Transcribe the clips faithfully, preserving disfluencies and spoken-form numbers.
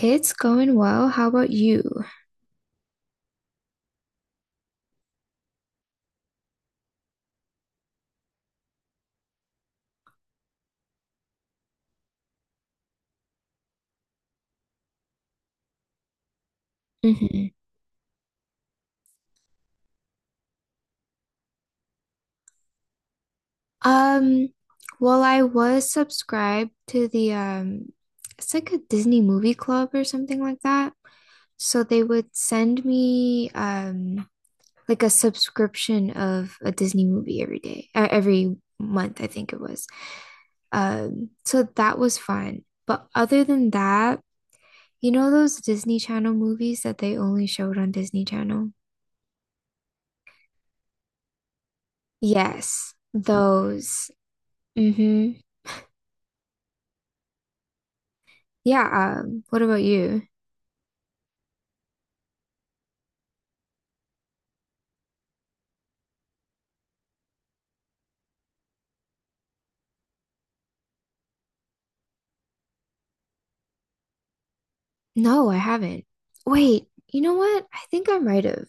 It's going well. How about you? Hmm. Um, well, I was subscribed to the um, it's like a Disney movie club or something like that. So they would send me um like a subscription of a Disney movie every day, uh, every month, I think it was. Um, so that was fun. But other than that, you know those Disney Channel movies that they only showed on Disney Channel? Yes, those. Mm-hmm. Yeah, um, what about you? No, I haven't. Wait, you know what? I think I might have.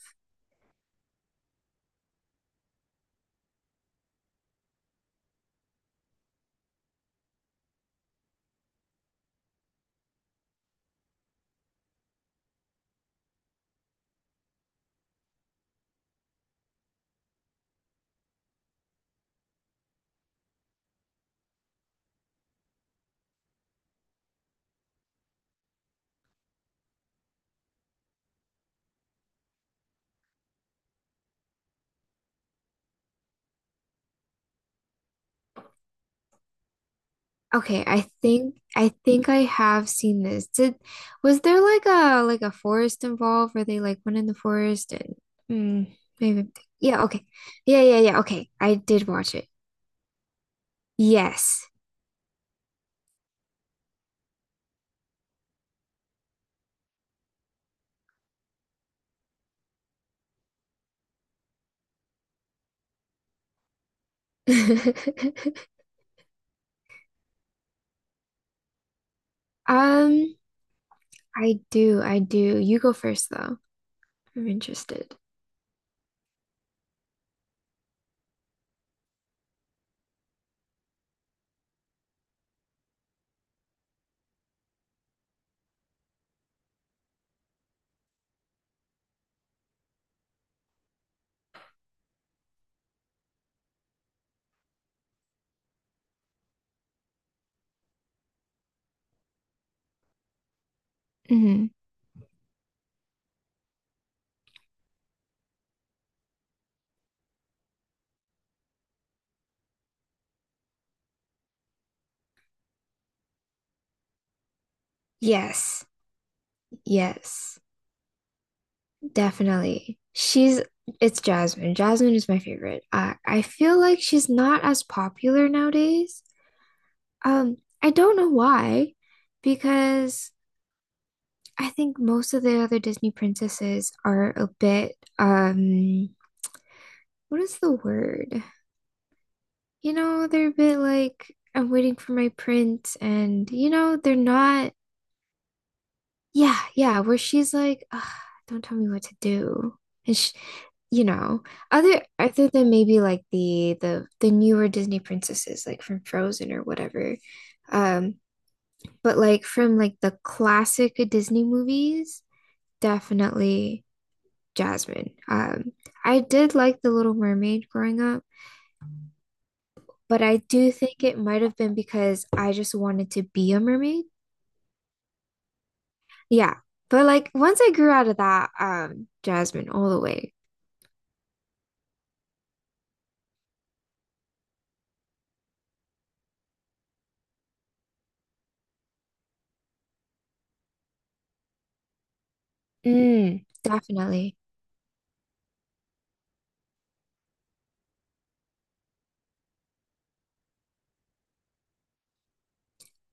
Okay, I think I think I have seen this. Did was there like a like a forest involved where they like went in the forest and mm, maybe I'm think- yeah, okay. Yeah, yeah, yeah, okay. I did watch it. Yes. Um, I do, I do. You go first though. I'm interested. Hmm. Yes. Yes. Definitely. She's it's Jasmine. Jasmine is my favorite. I I feel like she's not as popular nowadays. Um, I don't know why, because I think most of the other Disney princesses are a bit um what is the word? You know, they're a bit like I'm waiting for my prince and you know, they're not. Yeah, yeah, where she's like, ugh, don't tell me what to do. And she, you know, other other than maybe like the the the newer Disney princesses like from Frozen or whatever. Um, but like from like the classic Disney movies, definitely Jasmine. Um, I did like The Little Mermaid growing up, but I do think it might have been because I just wanted to be a mermaid. Yeah. But like once I grew out of that, um, Jasmine all the way. Mm, definitely.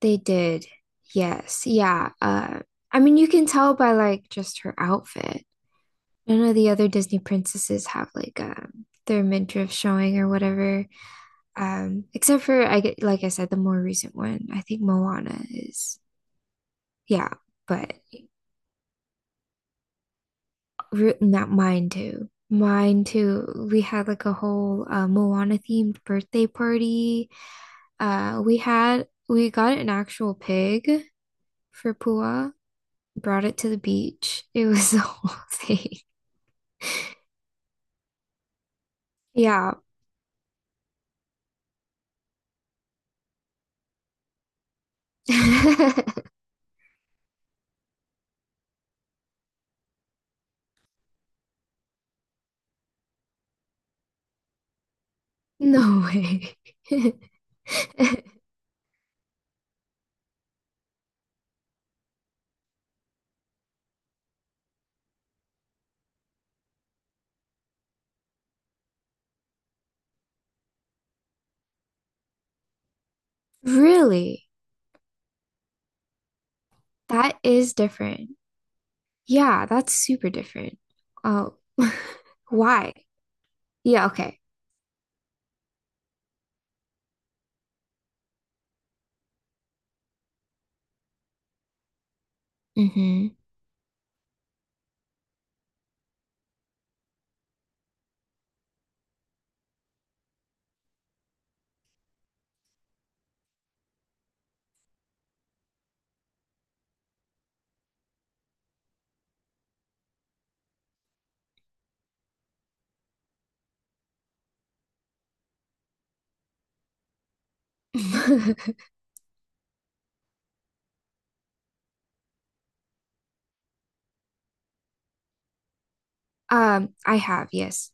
They did. Yes. Yeah. Uh, I mean, you can tell by like just her outfit. None of the other Disney princesses have like um their midriff showing or whatever. Um, except for I get like I said, the more recent one. I think Moana is. Yeah, but re not mine too. Mine too. We had like a whole uh, Moana themed birthday party. Uh, we had we got an actual pig for Pua, brought it to the beach. It was the whole thing. Yeah. No way. Really? That is different. Yeah, that's super different. Oh, why? Yeah, okay. Hmm. Um, I have, yes.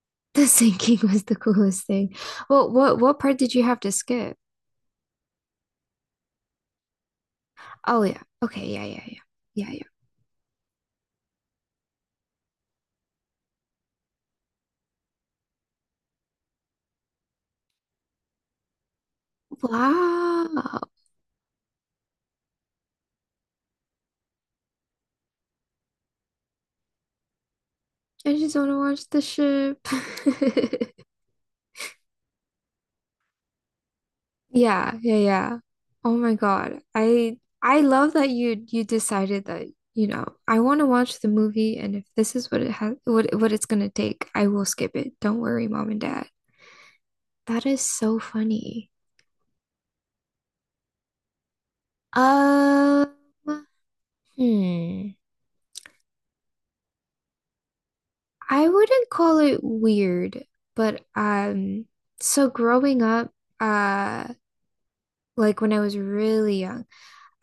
The sinking was the coolest thing. Well, what what part did you have to skip? Oh yeah. Okay, yeah, yeah, yeah. Yeah, yeah. Wow. I just want to watch the ship. Yeah, yeah, yeah. Oh my God. I I love that you you decided that, you know, I want to watch the movie and if this is what it has what what it's gonna take, I will skip it. Don't worry, Mom and Dad. That is so funny. Um, hmm. I wouldn't call it weird, but um, so growing up, uh, like when I was really young,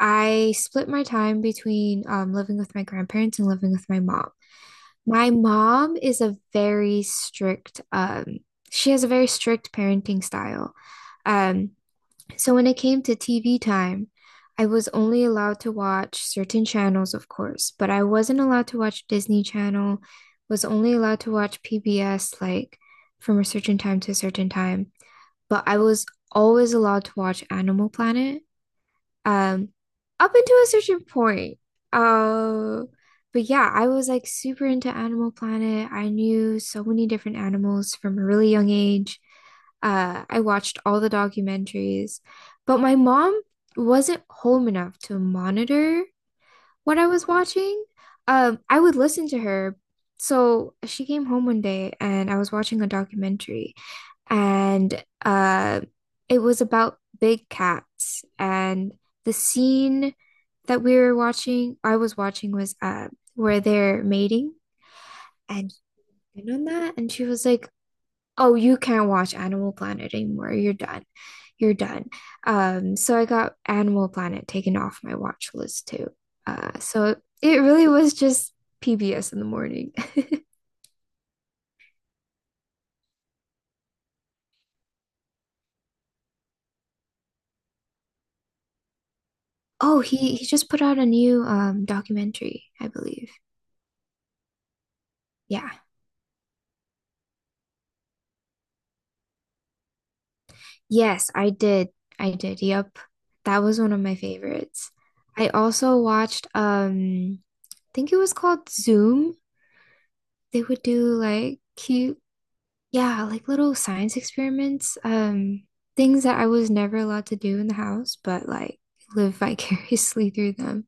I split my time between um living with my grandparents and living with my mom. My mom is a very strict, um, she has a very strict parenting style. Um, so when it came to T V time, I was only allowed to watch certain channels, of course, but I wasn't allowed to watch Disney Channel, was only allowed to watch P B S like from a certain time to a certain time. But I was always allowed to watch Animal Planet um up until a certain point. Uh, but yeah, I was like super into Animal Planet. I knew so many different animals from a really young age. Uh, I watched all the documentaries, but my mom wasn't home enough to monitor what I was watching. Um, I would listen to her. So she came home one day and I was watching a documentary and uh, it was about big cats. And the scene that we were watching, I was watching, was uh, where they're mating, and you know that, and she was like, "Oh, you can't watch Animal Planet anymore. You're done. You're done." Um, so I got Animal Planet taken off my watch list too. Uh, so it really was just P B S in the morning. Oh, he he just put out a new um documentary, I believe. Yeah. Yes, I did. I did. Yep. That was one of my favorites. I also watched um I think it was called Zoom. They would do like cute, yeah, like little science experiments, um things that I was never allowed to do in the house, but like live vicariously through them.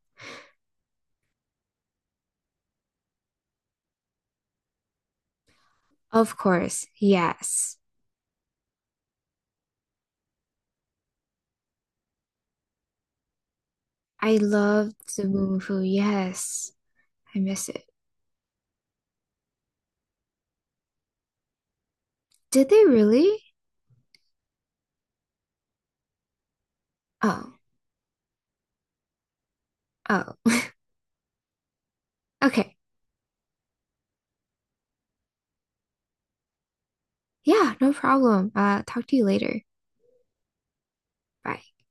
Of course. Yes. I loved the Moo Moo Fu. Yes. I miss it. Did they really? Oh. Oh. Okay. Yeah, no problem. Uh, talk to you later. Bye.